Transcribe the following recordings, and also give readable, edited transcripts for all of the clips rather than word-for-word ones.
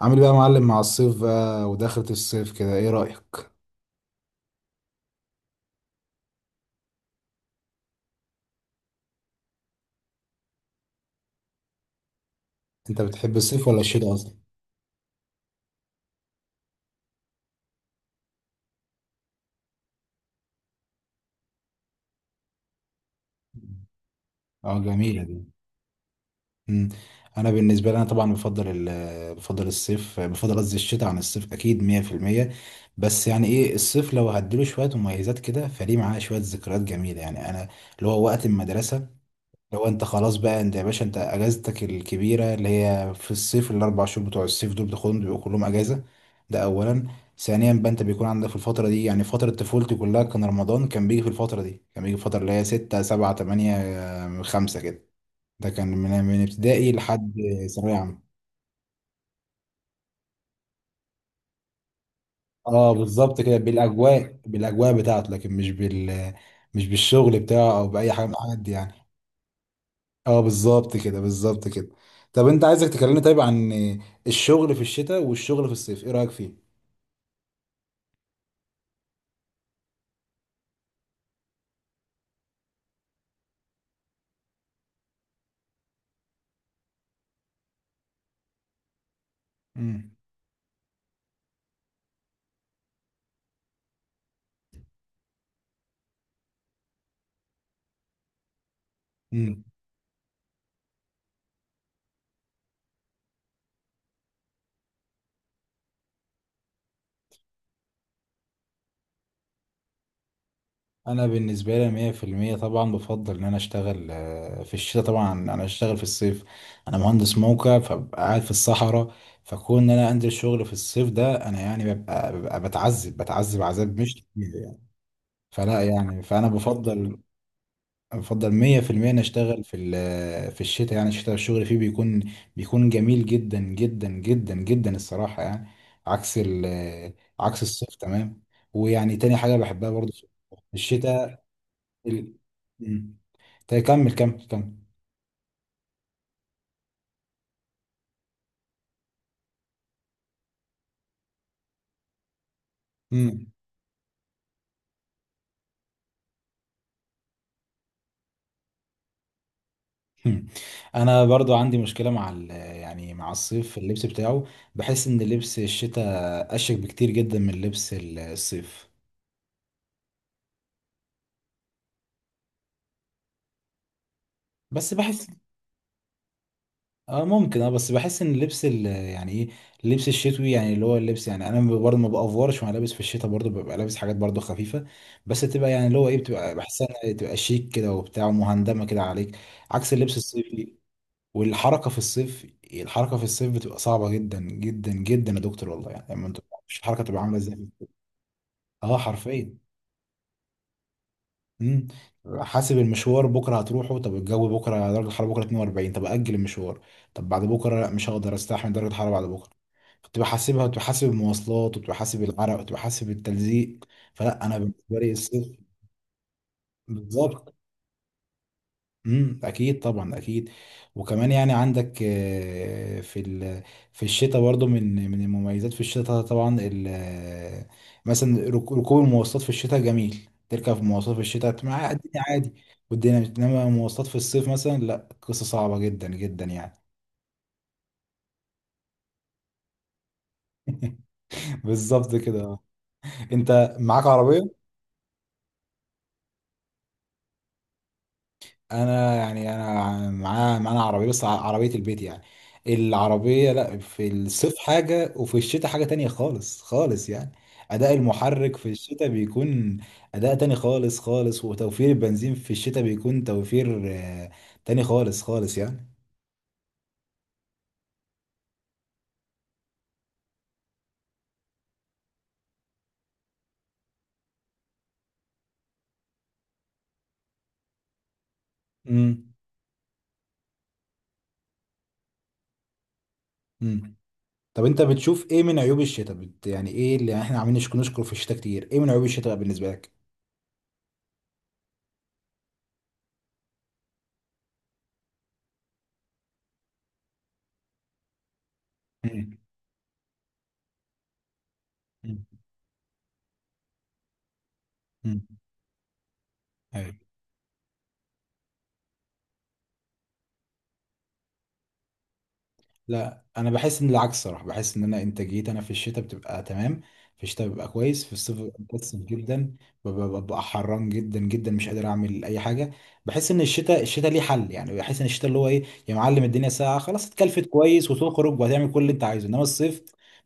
عامل ايه بقى يا معلم مع الصيف بقى ودخلة الصيف كده، ايه رأيك؟ انت بتحب الصيف ولا الشتاء اصلا؟ اه، جميلة دي. مم. انا بالنسبة لي، انا طبعا بفضل ال بفضل الصيف، قصدي الشتاء عن الصيف اكيد 100%. بس يعني ايه، الصيف لو هديله شوية مميزات كده، فليه معاه شوية ذكريات جميلة، يعني انا اللي هو وقت المدرسة. لو انت خلاص بقى، انت يا باشا انت اجازتك الكبيره اللي هي في الصيف، الاربع شهور بتوع الصيف دول بتاخدهم بيبقوا كلهم اجازه. ده اولا. ثانيا بقى، انت بيكون عندك في الفتره دي، يعني فتره طفولتي كلها كان رمضان كان بيجي في الفتره دي، كان بيجي في الفتره اللي هي 6 7 8 5 كده. ده كان من ابتدائي لحد ثانويه عامه. اه بالظبط كده، بالاجواء بالاجواء بتاعته، لكن مش بالشغل بتاعه او باي حاجه من الحاجات دي يعني. اه بالظبط كده بالظبط كده. طب انت عايزك تكلمني طيب عن الشغل في الشتاء والشغل في الصيف، ايه رأيك فيه؟ امم. امم. انا بالنسبه لي 100% طبعا بفضل ان انا اشتغل في الشتاء، طبعا انا اشتغل في الصيف، انا مهندس موقع فببقى قاعد في الصحراء. فكون ان انا انزل شغل في الصيف ده، انا يعني ببقى بتعذب عذاب مش طبيعي يعني. فلا يعني، فانا بفضل افضل 100% انا اشتغل في الشتاء. يعني الشتاء الشغل فيه بيكون بيكون جميل جدا جدا جدا جدا الصراحه يعني. عكس ال- عكس الصيف تمام. ويعني تاني حاجه بحبها برضه في الشتاء ال... مم. طيب كمل كمل كمل. مم. مم. انا برضو عندي مشكله مع يعني مع الصيف في اللبس بتاعه. بحس ان لبس الشتاء اشيك بكتير جدا من لبس الصيف. بس بحس اه ممكن، اه بس بحس ان اللبس يعني ايه، اللبس الشتوي، يعني اللي هو اللبس، يعني انا برضه ما بافورش وانا لابس في الشتاء، برضه ببقى لابس حاجات برضه خفيفه، بس تبقى يعني اللي هو ايه، بتبقى بحسها انها تبقى شيك كده وبتاع ومهندمه كده عليك، عكس اللبس الصيفي. والحركه في الصيف، الحركه في الصيف بتبقى صعبه جدا جدا جدا يا دكتور والله، يعني لما انت، مش الحركه تبقى عامله ازاي، اه حرفيا. مم. حاسب المشوار بكره هتروحه، طب الجو بكره درجه الحراره بكره 42، طب اجل المشوار. طب بعد بكره لا مش هقدر استحمل درجه الحراره بعد بكره. كنت بحاسبها وكنت بحاسب المواصلات وكنت بحاسب العرق وكنت بحاسب التلزيق. فلا، انا بالنسبه لي الصيف، بالظبط. اكيد طبعا اكيد. وكمان يعني عندك في الشتاء برضو من المميزات في الشتاء طبعا، مثلا ركوب المواصلات في الشتاء جميل، تركب في مواصلات في الشتاء مع الدنيا عادي. والدنيا بتنما مواصلات في الصيف مثلا لا، قصة صعبة جدا جدا يعني. بالظبط كده أه. انت معاك عربية؟ انا يعني انا معانا عربيه بس عربيه البيت يعني. العربيه لا، في الصيف حاجه وفي الشتاء حاجه تانية خالص خالص يعني. اداء المحرك في الشتاء بيكون اداء تاني خالص خالص، وتوفير البنزين في الشتاء بيكون توفير تاني خالص خالص يعني. امم. امم. طب انت بتشوف ايه من عيوب الشتاء، يعني ايه اللي احنا عاملين نشكر في الشتاء كتير، ايه من عيوب الشتاء بالنسبه لك؟ امم. امم. أيوة. لا، انا بحس ان العكس صراحه، بحس ان انا انتاجيتي انا في الشتاء بتبقى تمام. في الشتاء ببقى كويس، في الصيف ببقى مكسل جدا، ببقى حران جدا جدا مش قادر اعمل اي حاجه. بحس ان الشتاء، الشتاء ليه حل يعني، بحس ان الشتاء اللي هو ايه، يا معلم الدنيا ساقعه خلاص، اتكلفت كويس وتخرج وهتعمل كل اللي انت عايزه، انما الصيف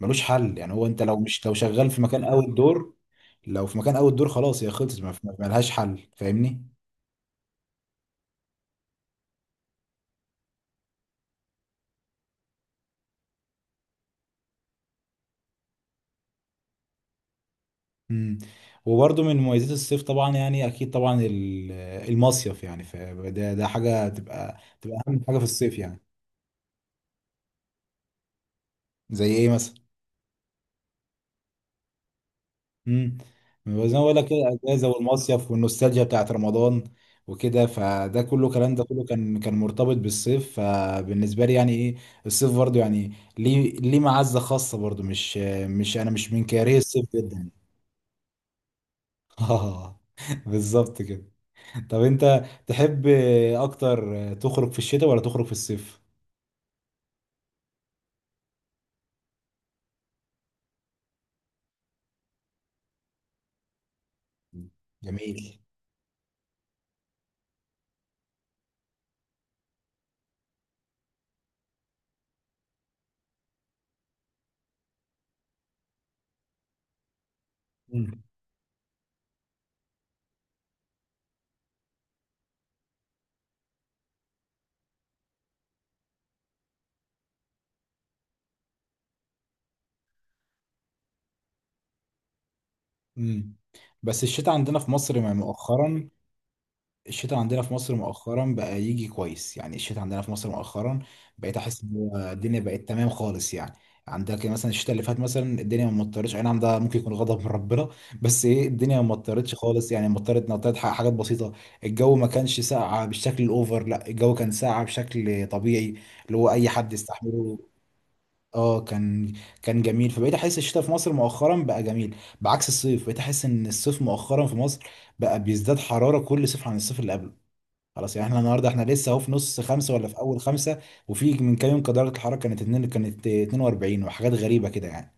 ملوش حل يعني. هو انت لو مش لو شغال في مكان اوت دور، لو في مكان اوت دور خلاص، هي خلصت، ملهاش حل فاهمني. مم. وبرضه من مميزات الصيف طبعا، يعني اكيد طبعا المصيف يعني، ده حاجه تبقى تبقى اهم حاجه في الصيف يعني. زي ايه مثلا؟ امم. زي ما بقول لك كده، الاجازه والمصيف والنوستالجيا بتاعت رمضان وكده، فده كله كلام ده كله كان كان مرتبط بالصيف، فبالنسبه لي يعني ايه، الصيف برضه يعني ليه معزه خاصه برضه، مش انا مش من كاره الصيف جدا. اه بالظبط كده. طب انت تحب اكتر تخرج في الشتاء ولا تخرج في الصيف؟ جميل. مم. مم. بس الشتاء عندنا في مصر مؤخرا، الشتاء عندنا في مصر مؤخرا بقى يجي كويس يعني. الشتاء عندنا في مصر مؤخرا بقيت احس ان هو الدنيا بقت تمام خالص يعني. عندك مثلا الشتاء اللي فات مثلا، الدنيا ما مطرتش، اي نعم ده ممكن يكون غضب من ربنا، بس ايه، الدنيا ما مطرتش خالص يعني، مطرت نطرت حاجات بسيطه. الجو ما كانش ساقع بالشكل الاوفر، لا الجو كان ساقع بشكل طبيعي، اللي هو اي حد يستحمله. اه كان، كان جميل. فبقيت احس الشتاء في مصر مؤخرا بقى جميل، بعكس الصيف بقيت احس ان الصيف مؤخرا في مصر بقى بيزداد حرارة كل صيف عن الصيف اللي قبله. خلاص يعني، احنا النهارده احنا لسه اهو في نص خمسه ولا في اول خمسه، وفي من كام يوم كان درجه الحراره كانت كانت 42 وحاجات غريبه كده يعني.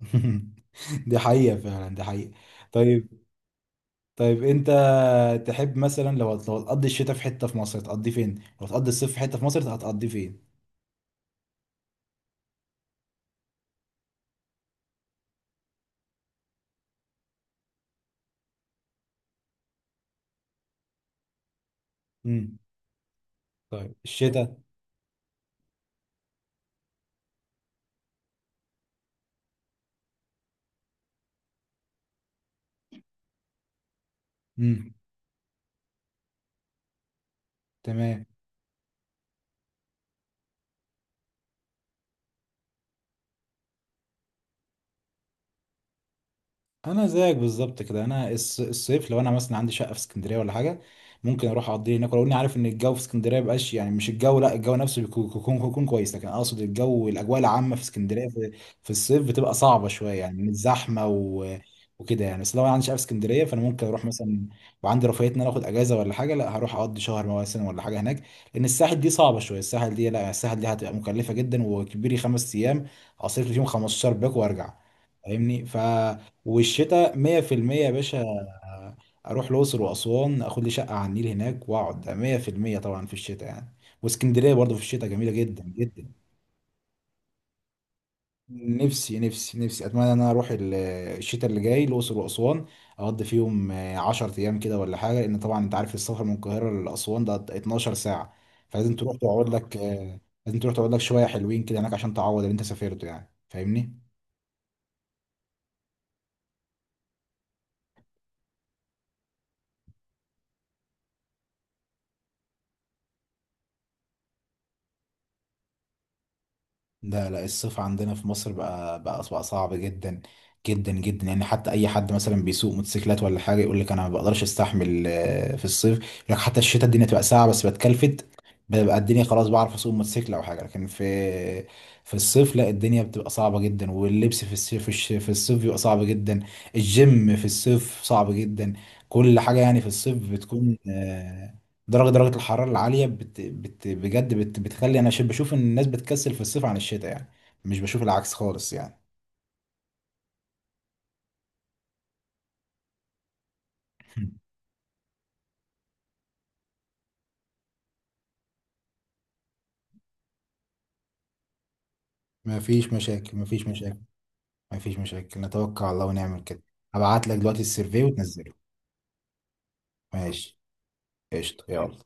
دي حقيقه فعلا، دي حقيقه. طيب. طيب انت تحب مثلا لو لو هتقضي الشتاء في حته في مصر هتقضي فين؟ لو هتقضي الصيف في حته في مصر هتقضي فين؟ امم. طيب الشتاء. امم. تمام. انا زيك بالظبط كده، انا الصيف لو انا مثلا عندي شقه في اسكندريه ولا حاجه، ممكن اروح اقضيه هناك، ولو اني عارف ان الجو في اسكندريه مبقاش، يعني مش الجو، لا الجو نفسه بيكون بيكون بيكون كويس، لكن اقصد الجو الاجواء العامه في اسكندريه في, في الصيف بتبقى صعبه شويه يعني من الزحمه و... وكده يعني. بس لو انا عندي شقه في اسكندريه، فانا ممكن اروح مثلا، وعندي رفاهيه ان انا اخد اجازه ولا حاجه، لا هروح اقضي شهر مثلا ولا حاجه هناك. لان الساحل دي صعبه شويه، الساحل دي لا، الساحل دي هتبقى مكلفه جدا، وكبيري خمس ايام اصرف لي فيهم 15 باك وارجع فاهمني. والشتاء 100% يا باشا، اروح الاقصر واسوان اخد لي شقه على النيل هناك واقعد 100% طبعا في الشتاء يعني. واسكندريه برضه في الشتاء جميله جدا جدا. نفسي اتمنى ان انا اروح الشتاء اللي جاي الاقصر واسوان، اقضي فيهم 10 ايام كده ولا حاجه، لان طبعا انت عارف السفر من القاهره لاسوان ده 12 ساعه. فلازم تروح تقعد لك لازم تروح تقعد لك شويه حلوين كده هناك عشان تعوض اللي انت سافرته يعني فاهمني. لا لا الصيف عندنا في مصر بقى بقى صعب جدا جدا جدا يعني. حتى اي حد مثلا بيسوق موتوسيكلات ولا حاجه يقول لك انا ما بقدرش استحمل في الصيف، يقول لك حتى الشتاء الدنيا تبقى ساقعه بس بتكلفت، ببقى الدنيا خلاص بعرف اسوق موتوسيكل او حاجه، لكن في في الصيف لا، الدنيا بتبقى صعبه جدا. واللبس في الصيف في الصيف بيبقى صعب جدا. الجيم في الصيف صعب جدا. كل حاجه يعني في الصيف بتكون درجة الحرارة العالية بت بت بجد بتخلي أنا بشوف إن الناس بتكسل في الصيف عن الشتاء يعني، مش بشوف العكس خالص يعني. مفيش مشاكل مفيش مشاكل. مفيش مشاكل نتوكل على الله ونعمل كده. هبعت لك دلوقتي السيرفي وتنزله. ماشي. قشطة يلا.